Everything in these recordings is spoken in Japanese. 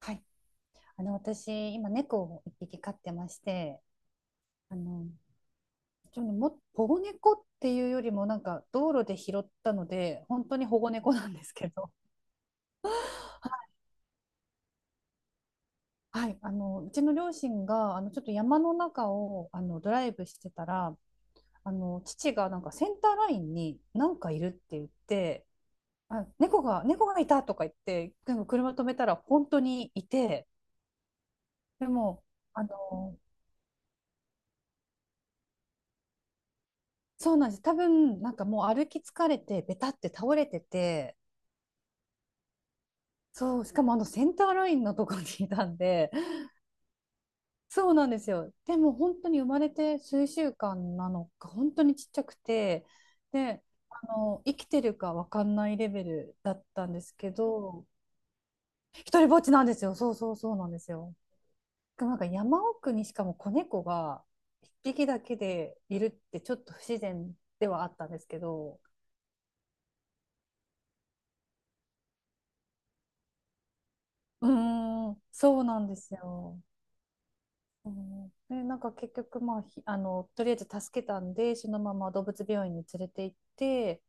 はい。私、今、猫を一匹飼ってまして、あの、ちょっとも、保護猫っていうよりも、なんか、道路で拾ったので、本当に保護猫なんですけど、はい、うちの両親が、ちょっと山の中を、ドライブしてたら、父が、なんか、センターラインに、なんかいるって言って、あ、猫がいたとか言って、でも車止めたら、本当にいて、でも、あの、そうなんです。多分、なんかもう歩き疲れて、ベタって倒れてて、そう、しかもあのセンターラインのとこにいたんで、そうなんですよ。でも本当に生まれて数週間なのか、本当にちっちゃくて、で、生きてるかわかんないレベルだったんですけど、一人ぼっちなんですよ。そうそうそうなんですよ。なんか山奥にしかも子猫が一匹だけでいるってちょっと不自然ではあったんですけど、うーん、そうなんですよ。うんで、なんか結局、まあ、ひあの、とりあえず助けたんで、そのまま動物病院に連れて行って、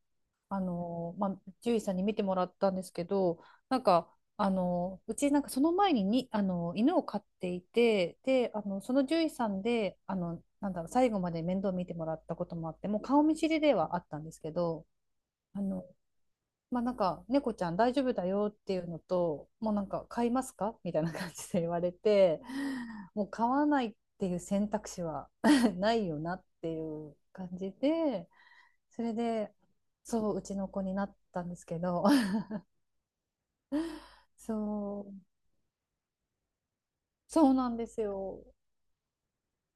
まあ、獣医さんに見てもらったんですけど、なんか、うち、なんかその前に、犬を飼っていて、で、その獣医さんで、なんだろう、最後まで面倒見てもらったこともあって、もう顔見知りではあったんですけど、あの、まあなんか猫ちゃん大丈夫だよっていうのと、もうなんか買いますかみたいな感じで言われて、もう買わないっていう選択肢は ないよなっていう感じで、それでそううちの子になったんですけど。 そうそうなんですよ。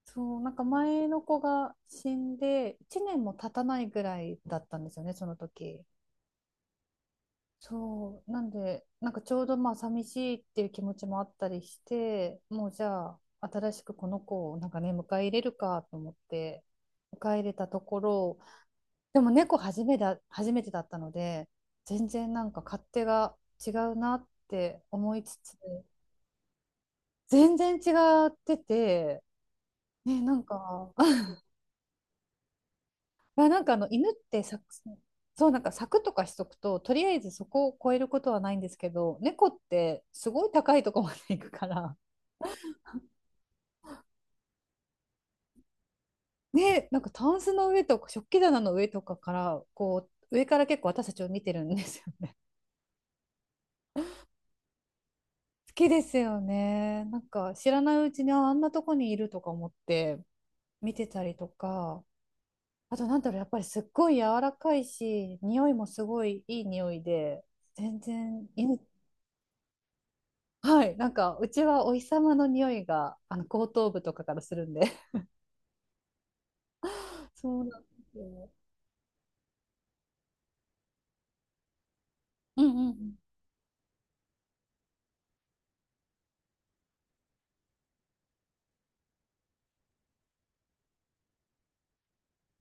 そう、なんか前の子が死んで1年も経たないぐらいだったんですよね、その時。そう、なんで、なんかちょうどまあ寂しいっていう気持ちもあったりして、もうじゃあ、新しくこの子をなんかね、迎え入れるかと思って、迎え入れたところ、でも猫初めてだったので、全然なんか勝手が違うなって思いつつ、全然違ってて、ね、なんかまあ、なんかあの犬ってさ、そう、なんか柵とかしとくととりあえずそこを越えることはないんですけど、猫ってすごい高いとこまで行くから、ね、なんかタンスの上とか食器棚の上とかからこう上から結構私たちを見てるんですよ。 好きですよね、なんか知らないうちにああんなとこにいるとか思って見てたりとか。あとなんだろう、やっぱりすっごい柔らかいし、匂いもすごいいい匂いで、全然犬、はい、なんかうちはお日様の匂いが後頭部とかからするんで。そうなんですよ。うんうんうん。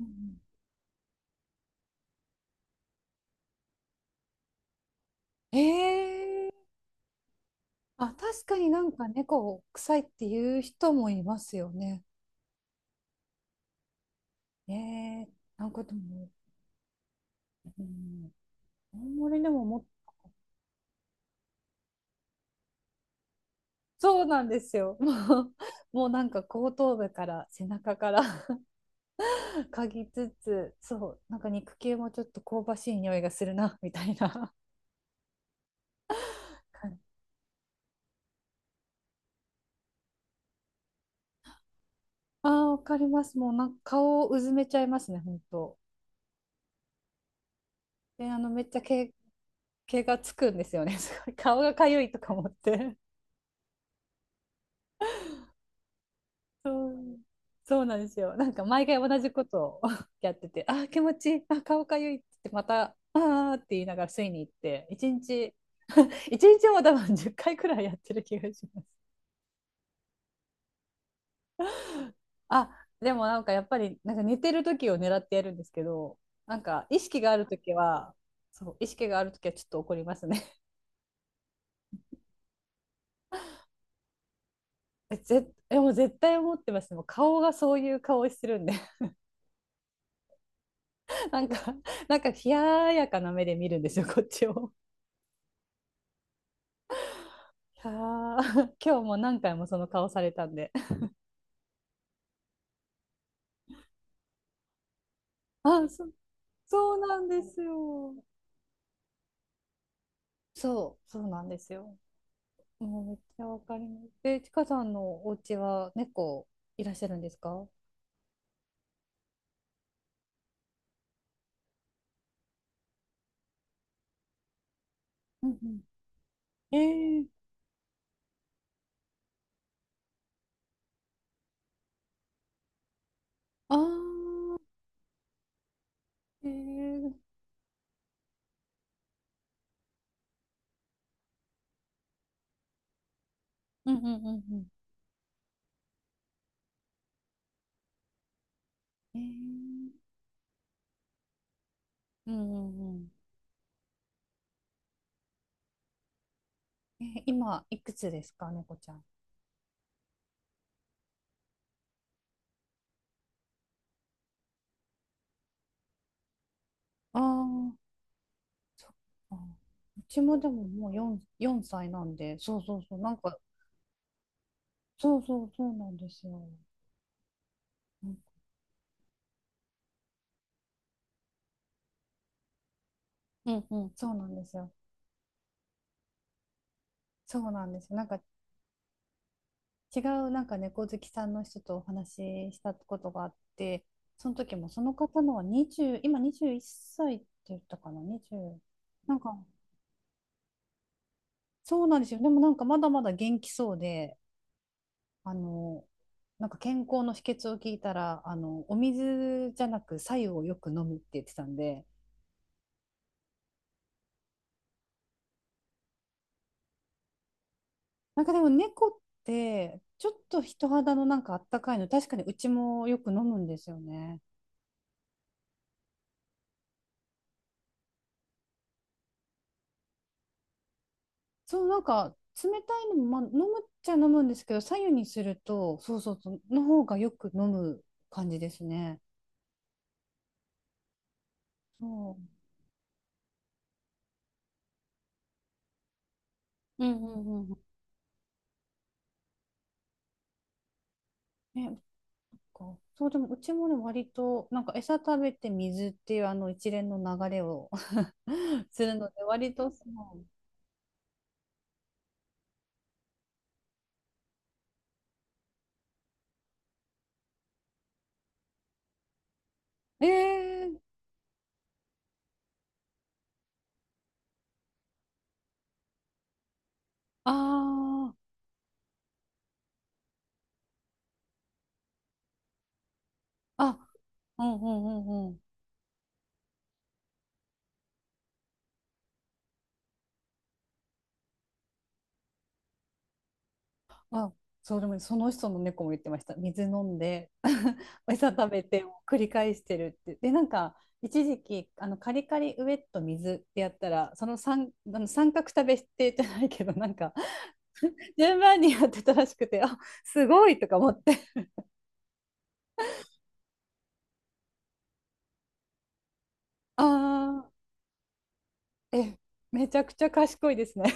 うんうん、えー、あ、確かになんか猫臭いっていう人もいますよね。えー、なんかでも、うん、あんまりでもも、そうなんですよ。う、もうなんか後頭部から背中から 嗅ぎつつ、そう、なんか肉球もちょっと香ばしい匂いがするなみたいな感、ああ、わかります。もうなんか顔をうずめちゃいますね、本当。で、めっちゃ毛がつくんですよね。すごい。顔がかゆいとか思って。そう、そうなんですよ。なんか毎回同じことを やってて、あー気持ちいい、あー顔かゆいって言って、また、ああって言いながら吸いに行って、一日、一日も多分10回くらいやってる気がします。あ、でもなんかやっぱり、なんか寝てる時を狙ってやるんですけど、なんか意識がある時は、そう、意識がある時はちょっと怒りますね。え、ぜ、え、もう絶対思ってます。もう顔がそういう顔してるんで、なんか、冷ややかな目で見るんですよ、こっちを。いやー 今日も何回もその顔されたんで。あ、そうなんですよ。そう、そうなんですよ。もうめっちゃわかります。で、ちかさんのお家は猫いらっしゃるんですか？うんうん。ええ、あー、ええ、うんうんうんうん。ええ、うんうんうん。今、いくつですか、猫ちゃん？ああ、そっか。うちもでももう4歳なんで、そうそうそう、なんか、そうそうそうなんですよ。うんうんうん、そうなんですよ。そうなんですよ。なんか違う、なんか猫好きさんの人とお話ししたことがあって、その時もその方のは20、今21歳っさいって言ったかな、20。なんか、そうなんですよ。でもなんかまだまだ元気そうで、あの、なんか健康の秘訣を聞いたら、お水じゃなく白湯をよく飲むって言ってたんで、なんかでも猫ってちょっと人肌のなんかあったかいの、確かにうちもよく飲むんですよね。そう、なんか冷たいのも、まあ、飲むっちゃ飲むんですけど、白湯にすると、そうそうそう、の方がよく飲む感じですね。そう、うんうんうんうん。ね、なんかそう、でもうちもね、割と、なんか餌食べて水っていうあの一連の流れを するので、割とその、えー、あー、あ、うんうんうんうん。あ、そう、でもその人の猫も言ってました。水飲んで、餌食べてを繰り返してるって。で、なんか、一時期、カリカリウエット水ってやったら、その三、三角食べしてじゃないけど、なんか、順番にやってたらしくて、あ、すごいとか思って。ああ、え、めちゃくちゃ賢いですね。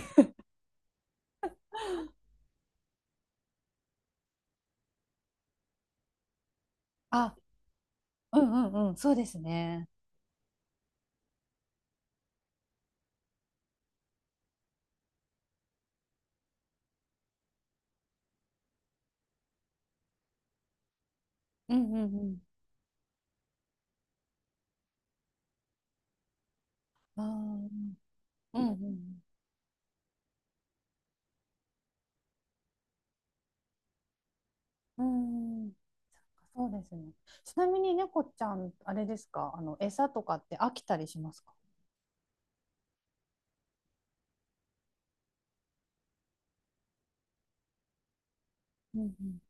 あ、うんうんうん、そうですね。うんうん、ああ、うんうん。うん。そうですね。ちなみに猫ちゃん、あれですか、餌とかって飽きたりしますか？うん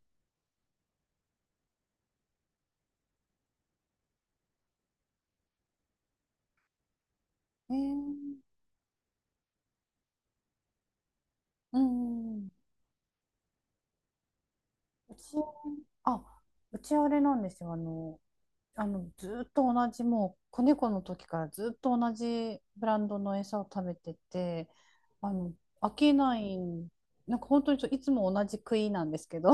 うん。うんうんち、あ、うちあれなんですよ。ずーっと同じ、もう、子猫の時からずっと同じブランドの餌を食べてて、あの、飽きない、なんか本当にちょいつも同じ食いなんですけど、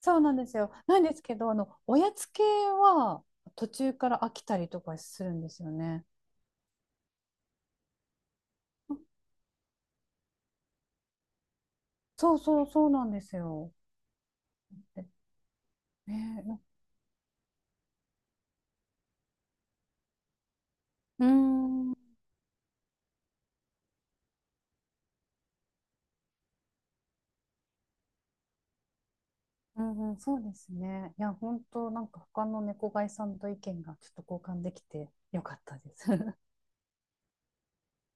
そうなんですよ。なんですけど、おやつ系は途中から飽きたりとかするんですよね。そうそうそうなんですよ。え、ね、うーん、うんうん、そうですね。いや、本当なんか他の猫飼いさんと意見がちょっと交換できてよかったです。